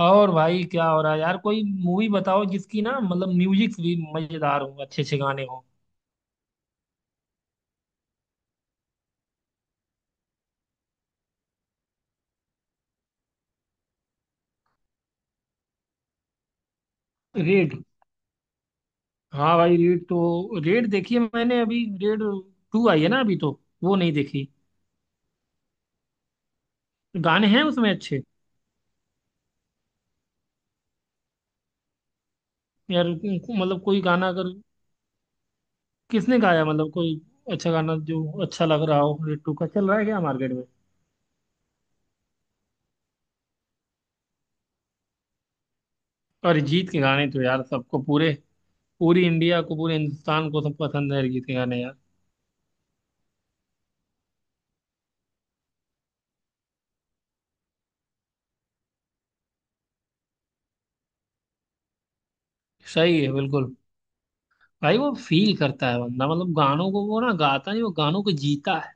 और भाई क्या हो रहा है यार? कोई मूवी बताओ जिसकी ना मतलब म्यूजिक भी मजेदार हो, अच्छे अच्छे गाने हो। रेड? हाँ भाई रेड तो रेड देखी है मैंने, अभी रेड टू आई है ना अभी तो, वो नहीं देखी। गाने हैं उसमें अच्छे? यार मतलब कोई गाना अगर, किसने गाया मतलब कोई अच्छा गाना जो अच्छा लग रहा हो? रेड टू का चल रहा है क्या मार्केट में? अरिजीत के गाने तो यार सबको, पूरे पूरी इंडिया को, पूरे हिंदुस्तान को सब पसंद है अरिजीत के गाने यार। सही है बिल्कुल। भाई वो फील करता है बंदा, मतलब गानों को, वो ना गाता नहीं, वो गानों को जीता है।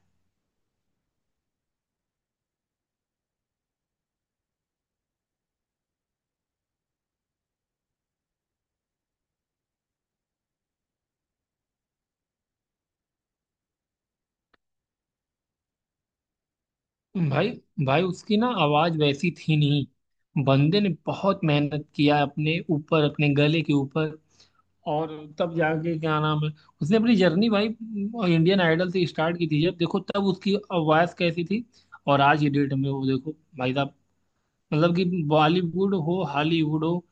भाई भाई उसकी ना आवाज वैसी थी नहीं, बंदे ने बहुत मेहनत किया अपने ऊपर, अपने गले के ऊपर, और तब जाके क्या नाम है, उसने अपनी जर्नी भाई इंडियन आइडल से स्टार्ट की थी। जब देखो तब उसकी आवाज कैसी थी और आज की डेट में वो देखो भाई साहब, मतलब कि बॉलीवुड हो हॉलीवुड हो,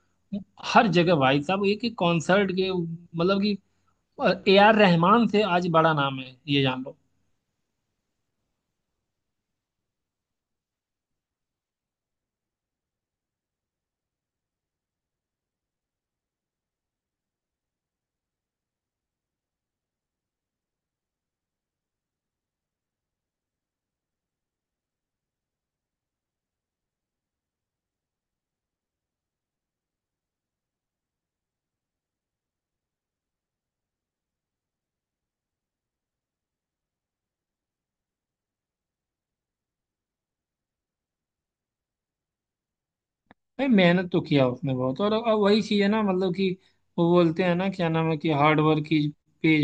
हर जगह भाई साहब, एक एक कॉन्सर्ट के मतलब कि ए आर रहमान से आज बड़ा नाम है, ये जान लो। भाई मेहनत तो किया उसने बहुत, और अब वही चीज है ना मतलब कि, वो बोलते हैं ना क्या नाम है कि हार्ड वर्क इज पे।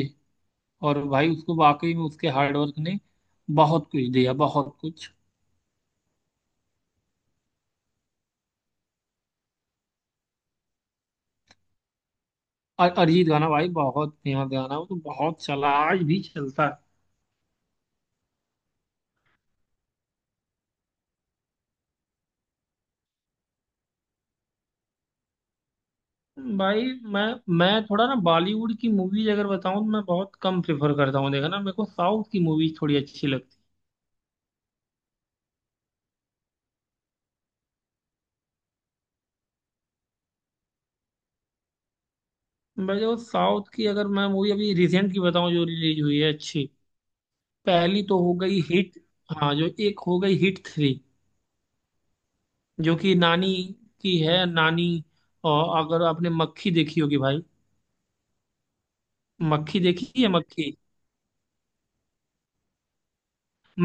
और भाई उसको वाकई में उसके हार्ड वर्क ने बहुत कुछ दिया, बहुत कुछ। और अरिजीत गाना भाई बहुत फेमस गाना है, वो तो बहुत चला, आज भी चलता है भाई। मैं मैं थोड़ा ना बॉलीवुड की मूवीज अगर बताऊं तो मैं बहुत कम प्रेफर करता हूँ देखा ना, मेरे को साउथ की मूवीज थोड़ी अच्छी लगती है भाई। वो साउथ की अगर मैं मूवी अभी रिसेंट की बताऊं जो रिलीज हुई है अच्छी, पहली तो हो गई हिट, हाँ जो एक हो गई हिट थ्री, जो कि नानी की है, नानी। और अगर आपने मक्खी देखी होगी भाई, मक्खी देखी है मक्खी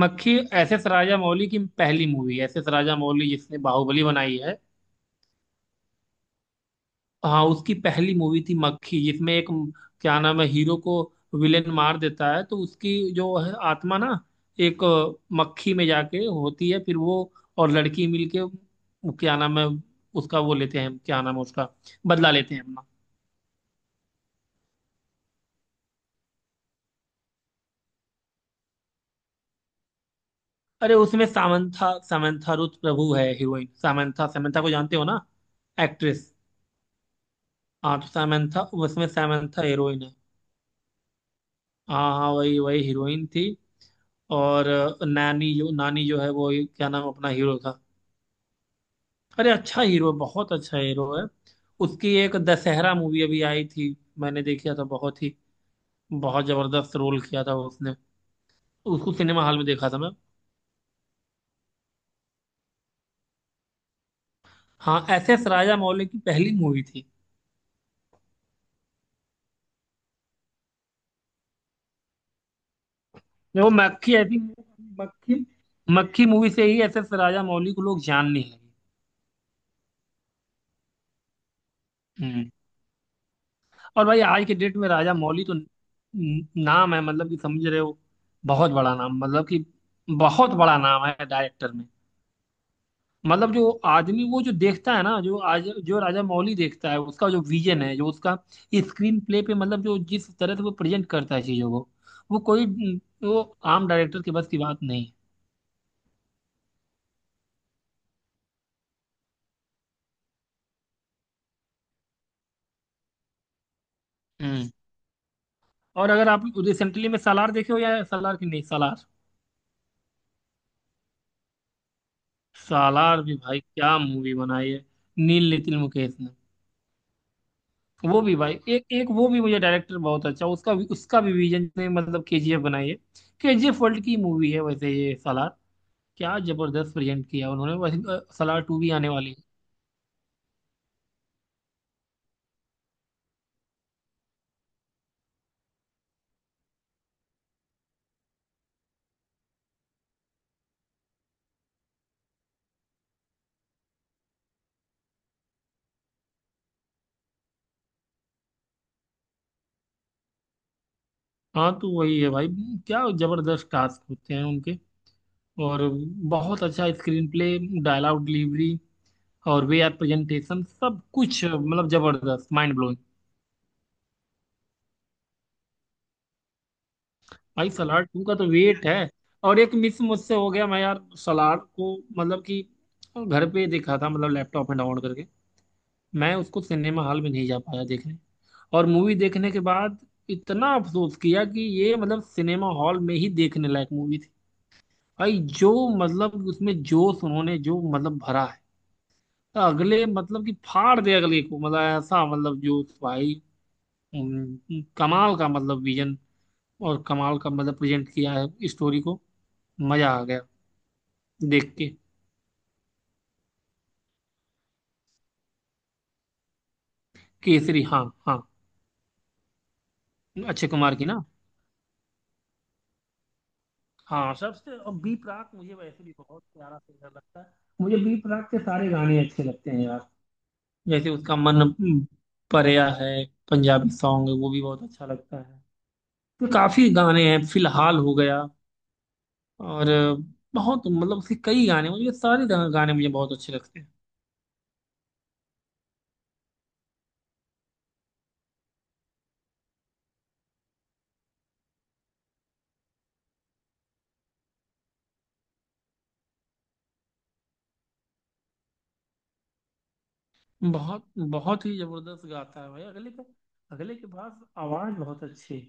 मक्खी एस एस राजामौली की पहली मूवी, एस एस राजामौली जिसने बाहुबली बनाई है। हाँ उसकी पहली मूवी थी मक्खी, जिसमें एक क्या नाम है हीरो को विलेन मार देता है, तो उसकी जो है आत्मा ना एक मक्खी में जाके होती है, फिर वो और लड़की मिलके वो क्या नाम है उसका वो लेते हैं, क्या नाम है उसका, बदला लेते हैं अपना। अरे उसमें सामंथा, सामंथा रुथ प्रभु है हीरोइन, सामंथा, सामंथा को जानते हो ना? एक्ट्रेस, हाँ तो सामंथा, उसमें सामंथा हीरोइन है, हाँ हाँ वही वही हीरोइन थी। और नानी, जो नानी जो है वो क्या नाम अपना हीरो था, अरे अच्छा हीरो है, बहुत अच्छा हीरो है। उसकी एक दशहरा मूवी अभी आई थी, मैंने देखा था, बहुत ही बहुत जबरदस्त रोल किया था उसने, उसको सिनेमा हॉल में देखा था मैं। हाँ एस एस राजा मौली की पहली मूवी थी, वो मक्खी आई थिंक, मक्खी, मक्खी मूवी से ही एस एस राजा मौली को लोग जानने लगे। हम्म। और भाई आज के डेट में राजा मौली तो नाम है मतलब कि, समझ रहे हो, बहुत बड़ा नाम मतलब कि बहुत बड़ा नाम है डायरेक्टर में। मतलब जो आदमी, वो जो देखता है ना, जो आज जो राजा मौली देखता है, उसका जो विजन है, जो उसका स्क्रीन प्ले पे मतलब जो जिस तरह से वो प्रेजेंट करता है चीजों को, वो कोई वो आम डायरेक्टर के बस की बात नहीं है। हम्म। और अगर आप रिसेंटली में सालार देखे हो, या सालार की नहीं सालार, सालार भी भाई क्या मूवी बनाई है नील नितिन मुकेश ने। वो भी भाई एक एक वो भी मुझे डायरेक्टर बहुत अच्छा, उसका भी, उसका भी विजन ने मतलब केजीएफ बनाई है, केजीएफ वर्ल्ड की मूवी है वैसे, ये सालार क्या जबरदस्त प्रेजेंट किया उन्होंने। वैसे सलार टू भी आने वाली है। हाँ तो वही है भाई, क्या जबरदस्त टास्क होते हैं उनके, और बहुत अच्छा स्क्रीन प्ले, डायलॉग डिलीवरी, और वे आर प्रेजेंटेशन, सब कुछ मतलब जबरदस्त माइंड ब्लोइंग। भाई सलार टू का तो वेट है। और एक मिस मुझसे हो गया, मैं यार सलार को मतलब कि घर पे देखा था, मतलब लैपटॉप में डाउनलोड करके, मैं उसको सिनेमा हॉल में नहीं जा पाया देखने, और मूवी देखने के बाद इतना अफसोस किया कि ये मतलब सिनेमा हॉल में ही देखने लायक मूवी थी भाई। जो मतलब उसमें जोश उन्होंने जो मतलब भरा है, तो अगले मतलब कि फाड़ दे अगले को, मतलब ऐसा मतलब जोश भाई। कमाल का मतलब विजन, और कमाल का मतलब प्रेजेंट किया है स्टोरी को, मजा आ गया देख के। केसरी? हाँ हाँ, अक्षय कुमार की ना। हाँ सबसे, और बी प्राक मुझे वैसे भी बहुत प्यारा सिंगर लगता है, मुझे बी प्राक के सारे गाने अच्छे लगते हैं यार। जैसे उसका मन परेया है, पंजाबी सॉन्ग है, वो भी बहुत अच्छा लगता है। तो काफी गाने हैं, फिलहाल हो गया। और बहुत मतलब उसके कई गाने, मुझे सारे गाने मुझे बहुत अच्छे लगते हैं। बहुत बहुत ही जबरदस्त गाता है भाई, अगले के पास आवाज बहुत अच्छी है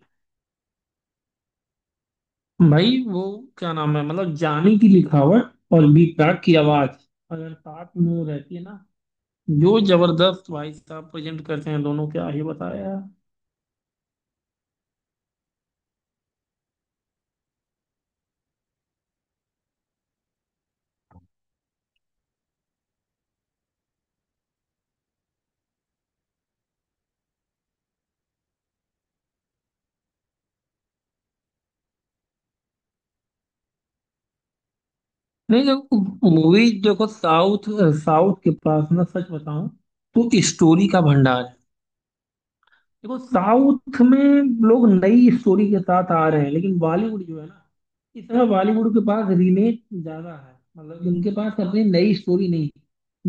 भाई। वो क्या नाम है मतलब, जानी की लिखावट और बी प्राक की आवाज अगर साथ में वो रहती है ना, जो जबरदस्त भाई साहब प्रेजेंट करते हैं दोनों, क्या ही बताया यार। नहीं देखो मूवी देखो साउथ, साउथ के पास ना सच बताऊं तो स्टोरी का भंडार है। देखो साउथ में लोग नई स्टोरी के साथ आ रहे हैं, लेकिन बॉलीवुड जो है ना, इस समय बॉलीवुड के पास रीमेक ज्यादा है, मतलब कि उनके पास अपनी नई स्टोरी नहीं।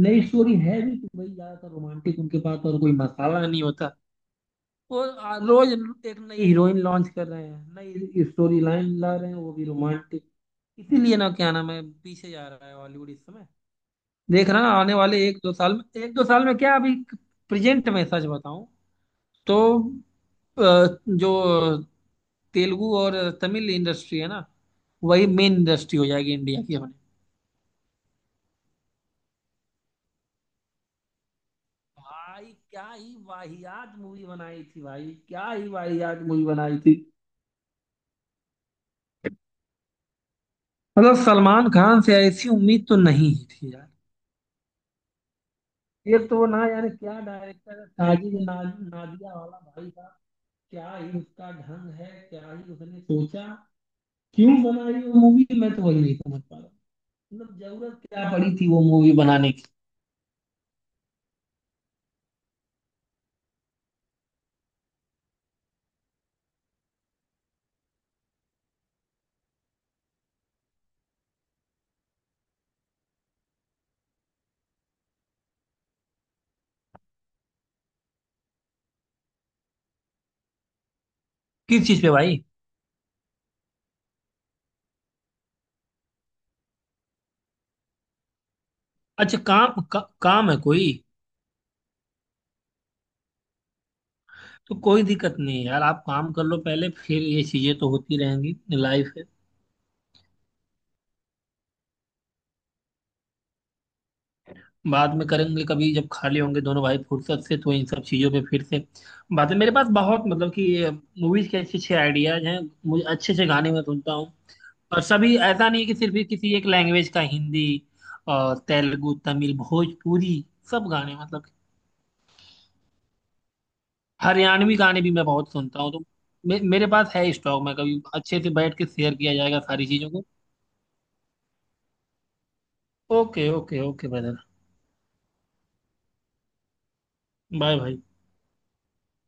नई स्टोरी है भी तो भाई ज्यादातर रोमांटिक उनके पास, और कोई मसाला नहीं होता। वो रोज एक नई हीरोइन लॉन्च कर रहे हैं, नई स्टोरी लाइन ला रहे हैं, वो भी रोमांटिक। इसीलिए ना क्या नाम है पीछे जा रहा है हॉलीवुड इस समय। देख रहा ना आने वाले एक दो साल में, एक दो साल में क्या, अभी प्रेजेंट में सच बताऊं तो, अ, जो तेलुगु और तमिल इंडस्ट्री है ना, वही मेन इंडस्ट्री हो जाएगी इंडिया की अपने। भाई क्या ही वाहियात मूवी बनाई थी, भाई क्या ही वाहियात मूवी बनाई थी। मतलब सलमान खान से ऐसी उम्मीद तो नहीं ही थी यार। एक तो वो ना यार क्या डायरेक्टर साजिद ना, नादिया वाला भाई साहब, क्या ही उसका ढंग है, क्या ही उसने सोचा, क्यों बनाई वो मूवी, मैं तो वही नहीं समझ पा रहा हूँ। मतलब जरूरत क्या पड़ी थी वो मूवी बनाने की। किस चीज पे भाई? अच्छा काम का, काम है कोई? तो कोई दिक्कत नहीं है यार, आप काम कर लो पहले, फिर ये चीजें तो होती रहेंगी, लाइफ है। बाद में करेंगे कभी जब खाली होंगे दोनों भाई फुर्सत से, तो इन सब चीजों पे फिर से बातें, मेरे पास बहुत मतलब कि मूवीज के अच्छे अच्छे आइडियाज हैं, मुझे अच्छे अच्छे गाने मैं सुनता हूँ। और सभी ऐसा नहीं है कि सिर्फ ही किसी एक लैंग्वेज का, हिंदी और तेलुगु, तमिल, भोजपुरी, सब गाने मतलब, हरियाणवी गाने भी मैं बहुत सुनता हूँ। तो मेरे पास है स्टॉक, मैं कभी अच्छे से बैठ के शेयर किया जाएगा सारी चीजों को। Okay okay okay brother, bye भाई।